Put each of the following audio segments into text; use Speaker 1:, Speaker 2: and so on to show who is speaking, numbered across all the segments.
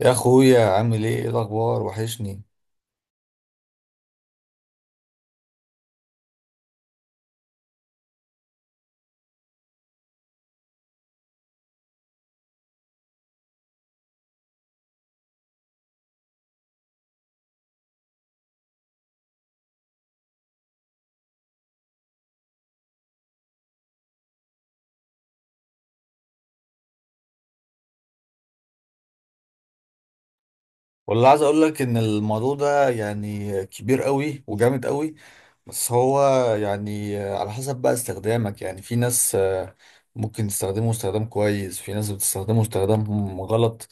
Speaker 1: يا اخويا عامل ايه، ايه الاخبار؟ وحشني. والله عايز اقول لك ان الموضوع ده يعني كبير قوي وجامد قوي. بس هو يعني على حسب بقى استخدامك. يعني في ناس ممكن تستخدمه استخدام كويس، في ناس بتستخدمه استخدام غلط.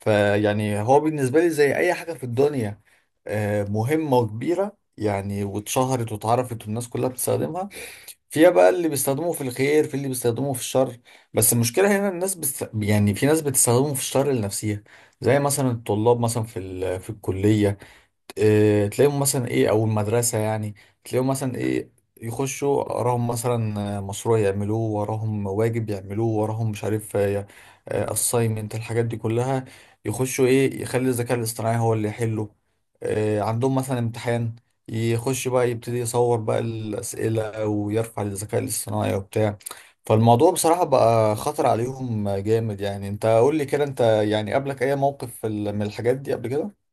Speaker 1: فيعني هو بالنسبة لي زي اي حاجة في الدنيا مهمة وكبيرة. يعني واتشهرت واتعرفت والناس كلها بتستخدمها. فيها بقى اللي بيستخدموه في الخير، في اللي بيستخدموه في الشر. بس المشكلة هنا الناس يعني في ناس بتستخدمه في الشر لنفسها. زي مثلا الطلاب، مثلا في الكلية تلاقيهم مثلا ايه، او المدرسه يعني. تلاقيهم مثلا ايه يخشوا وراهم مثلا مشروع يعملوه، وراهم واجب يعملوه، وراهم مش عارف اساينمنت، الحاجات دي كلها يخشوا ايه يخلي الذكاء الاصطناعي هو اللي يحله. عندهم مثلا امتحان، يخش بقى يبتدي يصور بقى الاسئله ويرفع للذكاء الاصطناعي وبتاع. فالموضوع بصراحة بقى خطر عليهم جامد. يعني انت قول لي كده، انت يعني قابلك اي موقف في من الحاجات دي قبل كده؟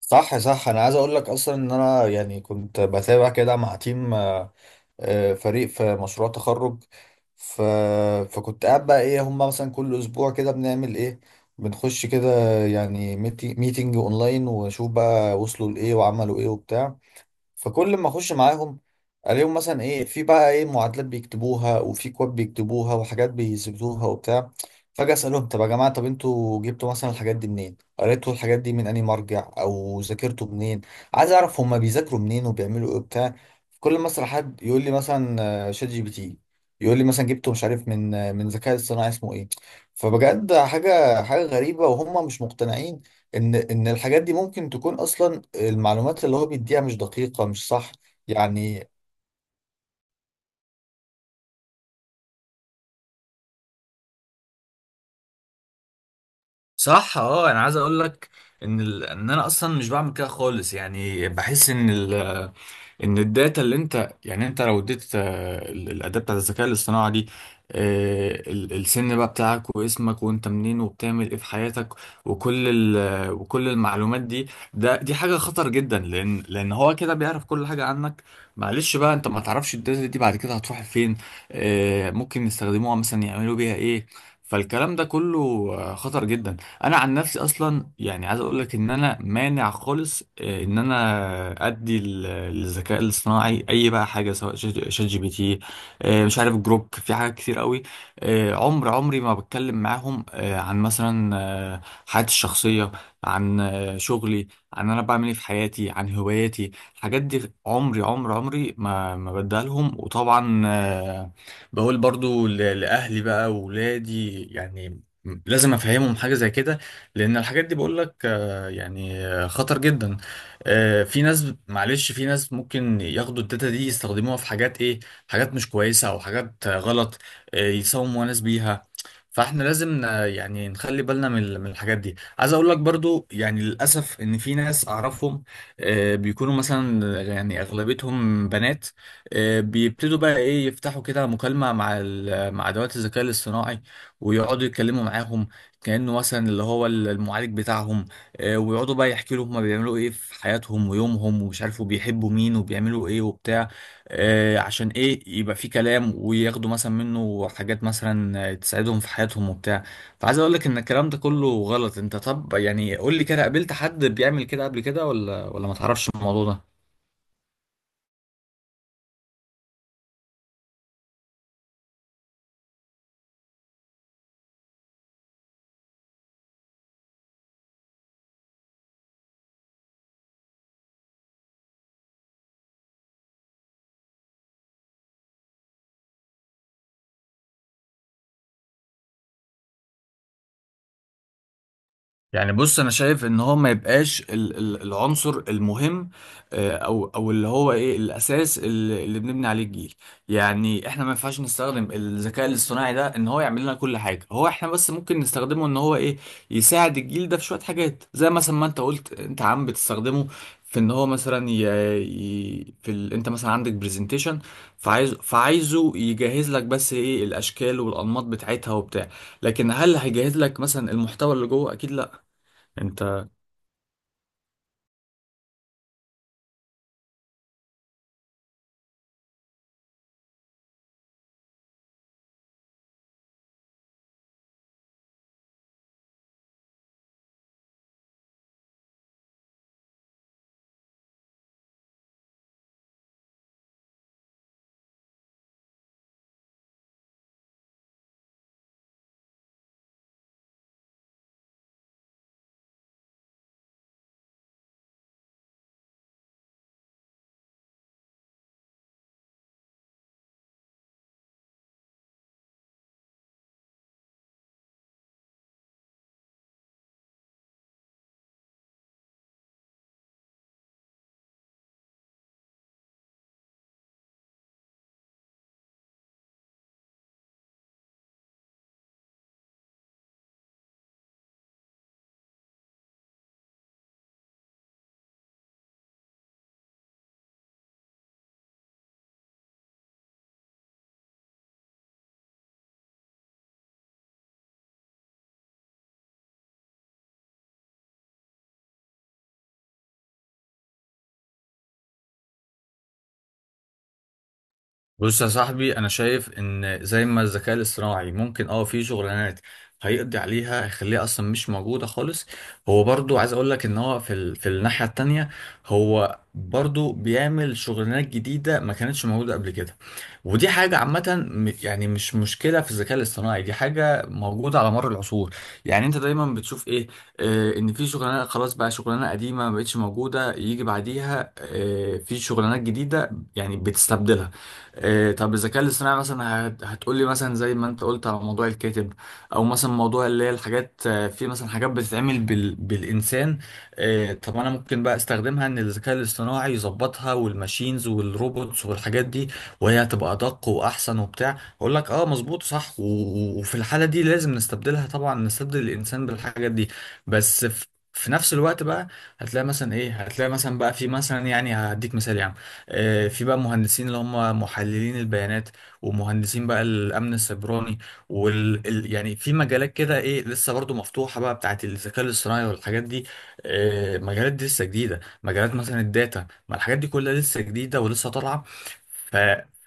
Speaker 1: صح، صح. انا عايز اقول لك اصلا ان انا يعني كنت بتابع كده مع تيم فريق في مشروع تخرج. ف... فكنت قاعد بقى ايه هم مثلا كل اسبوع كده بنعمل ايه، بنخش كده يعني ميتينج اونلاين، ونشوف بقى وصلوا لايه وعملوا ايه وبتاع. فكل ما اخش معاهم الاقيهم مثلا ايه في بقى ايه، معادلات بيكتبوها وفي كواد بيكتبوها وحاجات بيثبتوها وبتاع. فجأة اسالهم طب يا جماعه، طب انتوا جبتوا مثلا الحاجات دي منين، قريتوا الحاجات دي من انهي مرجع او ذاكرتوا منين؟ عايز اعرف هما بيذاكروا منين وبيعملوا ايه وبتاع. كل ما اسال حد يقول لي مثلا شات جي بي تي. يقول لي مثلا جبته مش عارف من من ذكاء اصطناعي اسمه ايه. فبجد حاجه غريبه، وهم مش مقتنعين ان الحاجات دي ممكن تكون اصلا المعلومات اللي هو بيديها مش دقيقة، مش صح. يعني صح، اه. انا عايز اقول لك ان انا اصلا مش بعمل كده خالص. يعني بحس ان الداتا اللي انت يعني انت لو اديت الاداه بتاعت الذكاء الاصطناعي دي السن بقى بتاعك واسمك وانت منين وبتعمل ايه في حياتك، وكل المعلومات دي، دي حاجه خطر جدا. لان هو كده بيعرف كل حاجه عنك. معلش بقى، انت ما تعرفش الداتا دي بعد كده هتروح فين. ممكن يستخدموها مثلا يعملوا بيها ايه. فالكلام ده كله خطر جدا. انا عن نفسي اصلا يعني عايز اقول لك ان انا مانع خالص ان انا ادي للذكاء الاصطناعي اي بقى حاجه سواء شات جي بي تي، مش عارف جروك، في حاجات كتير قوي. عمري ما بتكلم معاهم عن مثلا آه، حياتي الشخصيه، عن شغلي، عن انا بعمل ايه في حياتي، عن هواياتي. الحاجات دي عمري ما بديها لهم. وطبعا بقول برضو لاهلي بقى واولادي يعني لازم افهمهم حاجه زي كده. لان الحاجات دي بقول لك يعني يعني خطر جدا. في ناس، معلش، في ناس ممكن ياخدوا الداتا دي يستخدموها في حاجات ايه، حاجات مش كويسة او حاجات غلط، يساوموا ناس بيها. فاحنا لازم يعني نخلي بالنا من الحاجات دي. عايز اقول لك برضو يعني للاسف ان في ناس اعرفهم بيكونوا مثلا يعني اغلبيتهم بنات. بيبتدوا بقى ايه يفتحوا كده مكالمة مع ادوات الذكاء الاصطناعي، ويقعدوا يتكلموا معاهم كأنه مثلا اللي هو المعالج بتاعهم. ويقعدوا بقى يحكوا له هما بيعملوا ايه في حياتهم ويومهم ومش عارف وبيحبوا مين وبيعملوا ايه وبتاع. عشان ايه يبقى في كلام وياخدوا مثلا منه حاجات مثلا تساعدهم في حياتهم وبتاع. فعايز اقول لك ان الكلام ده كله غلط. انت طب يعني قول لي كده، قابلت حد بيعمل كده قبل كده ولا ما تعرفش الموضوع ده؟ يعني بص، انا شايف ان هو ما يبقاش العنصر المهم، او اللي هو ايه الاساس اللي بنبني عليه الجيل. يعني احنا ما ينفعش نستخدم الذكاء الاصطناعي ده ان هو يعمل لنا كل حاجه. هو احنا بس ممكن نستخدمه ان هو ايه يساعد الجيل ده في شويه حاجات، زي مثلا ما انت قلت انت عم بتستخدمه في ان هو مثلا انت مثلا عندك برزنتيشن. فعايزه يجهز لك بس ايه الاشكال والانماط بتاعتها وبتاع. لكن هل هيجهز لك مثلا المحتوى اللي جوه؟ اكيد لا. انت بص يا صاحبي، انا شايف ان زي ما الذكاء الاصطناعي ممكن في شغلانات هيقضي عليها، هيخليها اصلا مش موجوده خالص، هو برضو عايز اقول لك ان هو في الناحيه التانية هو برضو بيعمل شغلانات جديده ما كانتش موجوده قبل كده. ودي حاجه عامه يعني مش مشكله في الذكاء الاصطناعي، دي حاجه موجوده على مر العصور. يعني انت دايما بتشوف ايه، آه ان في شغلانه خلاص بقى، شغلانه قديمه ما بقتش موجوده، يجي بعديها آه في شغلانات جديده. يعني بتستبدلها. إيه، طب الذكاء الاصطناعي مثلا هتقولي مثلا زي ما انت قلت على موضوع الكاتب، او مثلا موضوع اللي هي الحاجات، في مثلا حاجات بتتعمل بالانسان. إيه، طب انا ممكن بقى استخدمها ان الذكاء الاصطناعي يظبطها والماشينز والروبوتس والحاجات دي، وهي هتبقى ادق واحسن وبتاع. اقول لك اه مظبوط صح، وفي الحالة دي لازم نستبدلها طبعا، نستبدل الانسان بالحاجات دي. بس في نفس الوقت بقى هتلاقي مثلا ايه، هتلاقي مثلا بقى في مثلا يعني هديك مثال يعني في بقى مهندسين اللي هم محللين البيانات، ومهندسين بقى الامن السيبراني، يعني في مجالات كده ايه لسه برضو مفتوحه بقى بتاعت الذكاء الاصطناعي والحاجات دي. مجالات دي لسه جديده، مجالات مثلا الداتا، ما الحاجات دي كلها لسه جديده ولسه طالعه. ف...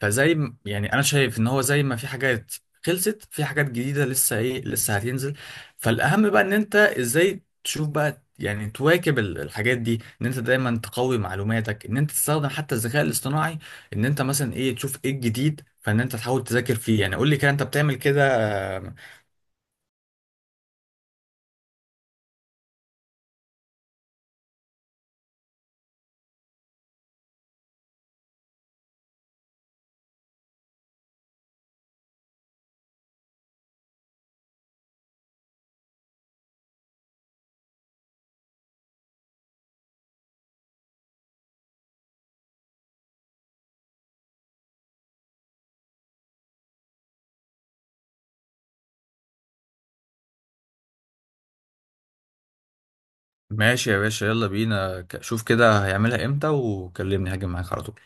Speaker 1: فزي يعني انا شايف ان هو زي ما في حاجات خلصت في حاجات جديده لسه ايه لسه هتنزل. فالاهم بقى ان انت ازاي تشوف بقى، يعني تواكب الحاجات دي ان انت دايما تقوي معلوماتك، ان انت تستخدم حتى الذكاء الاصطناعي، ان انت مثلا ايه تشوف ايه الجديد فان انت تحاول تذاكر فيه. يعني قول لي كده انت بتعمل كده؟ ماشي يا باشا، يلا بينا. شوف كده هيعملها امتى وكلمني هاجي معاك على طول.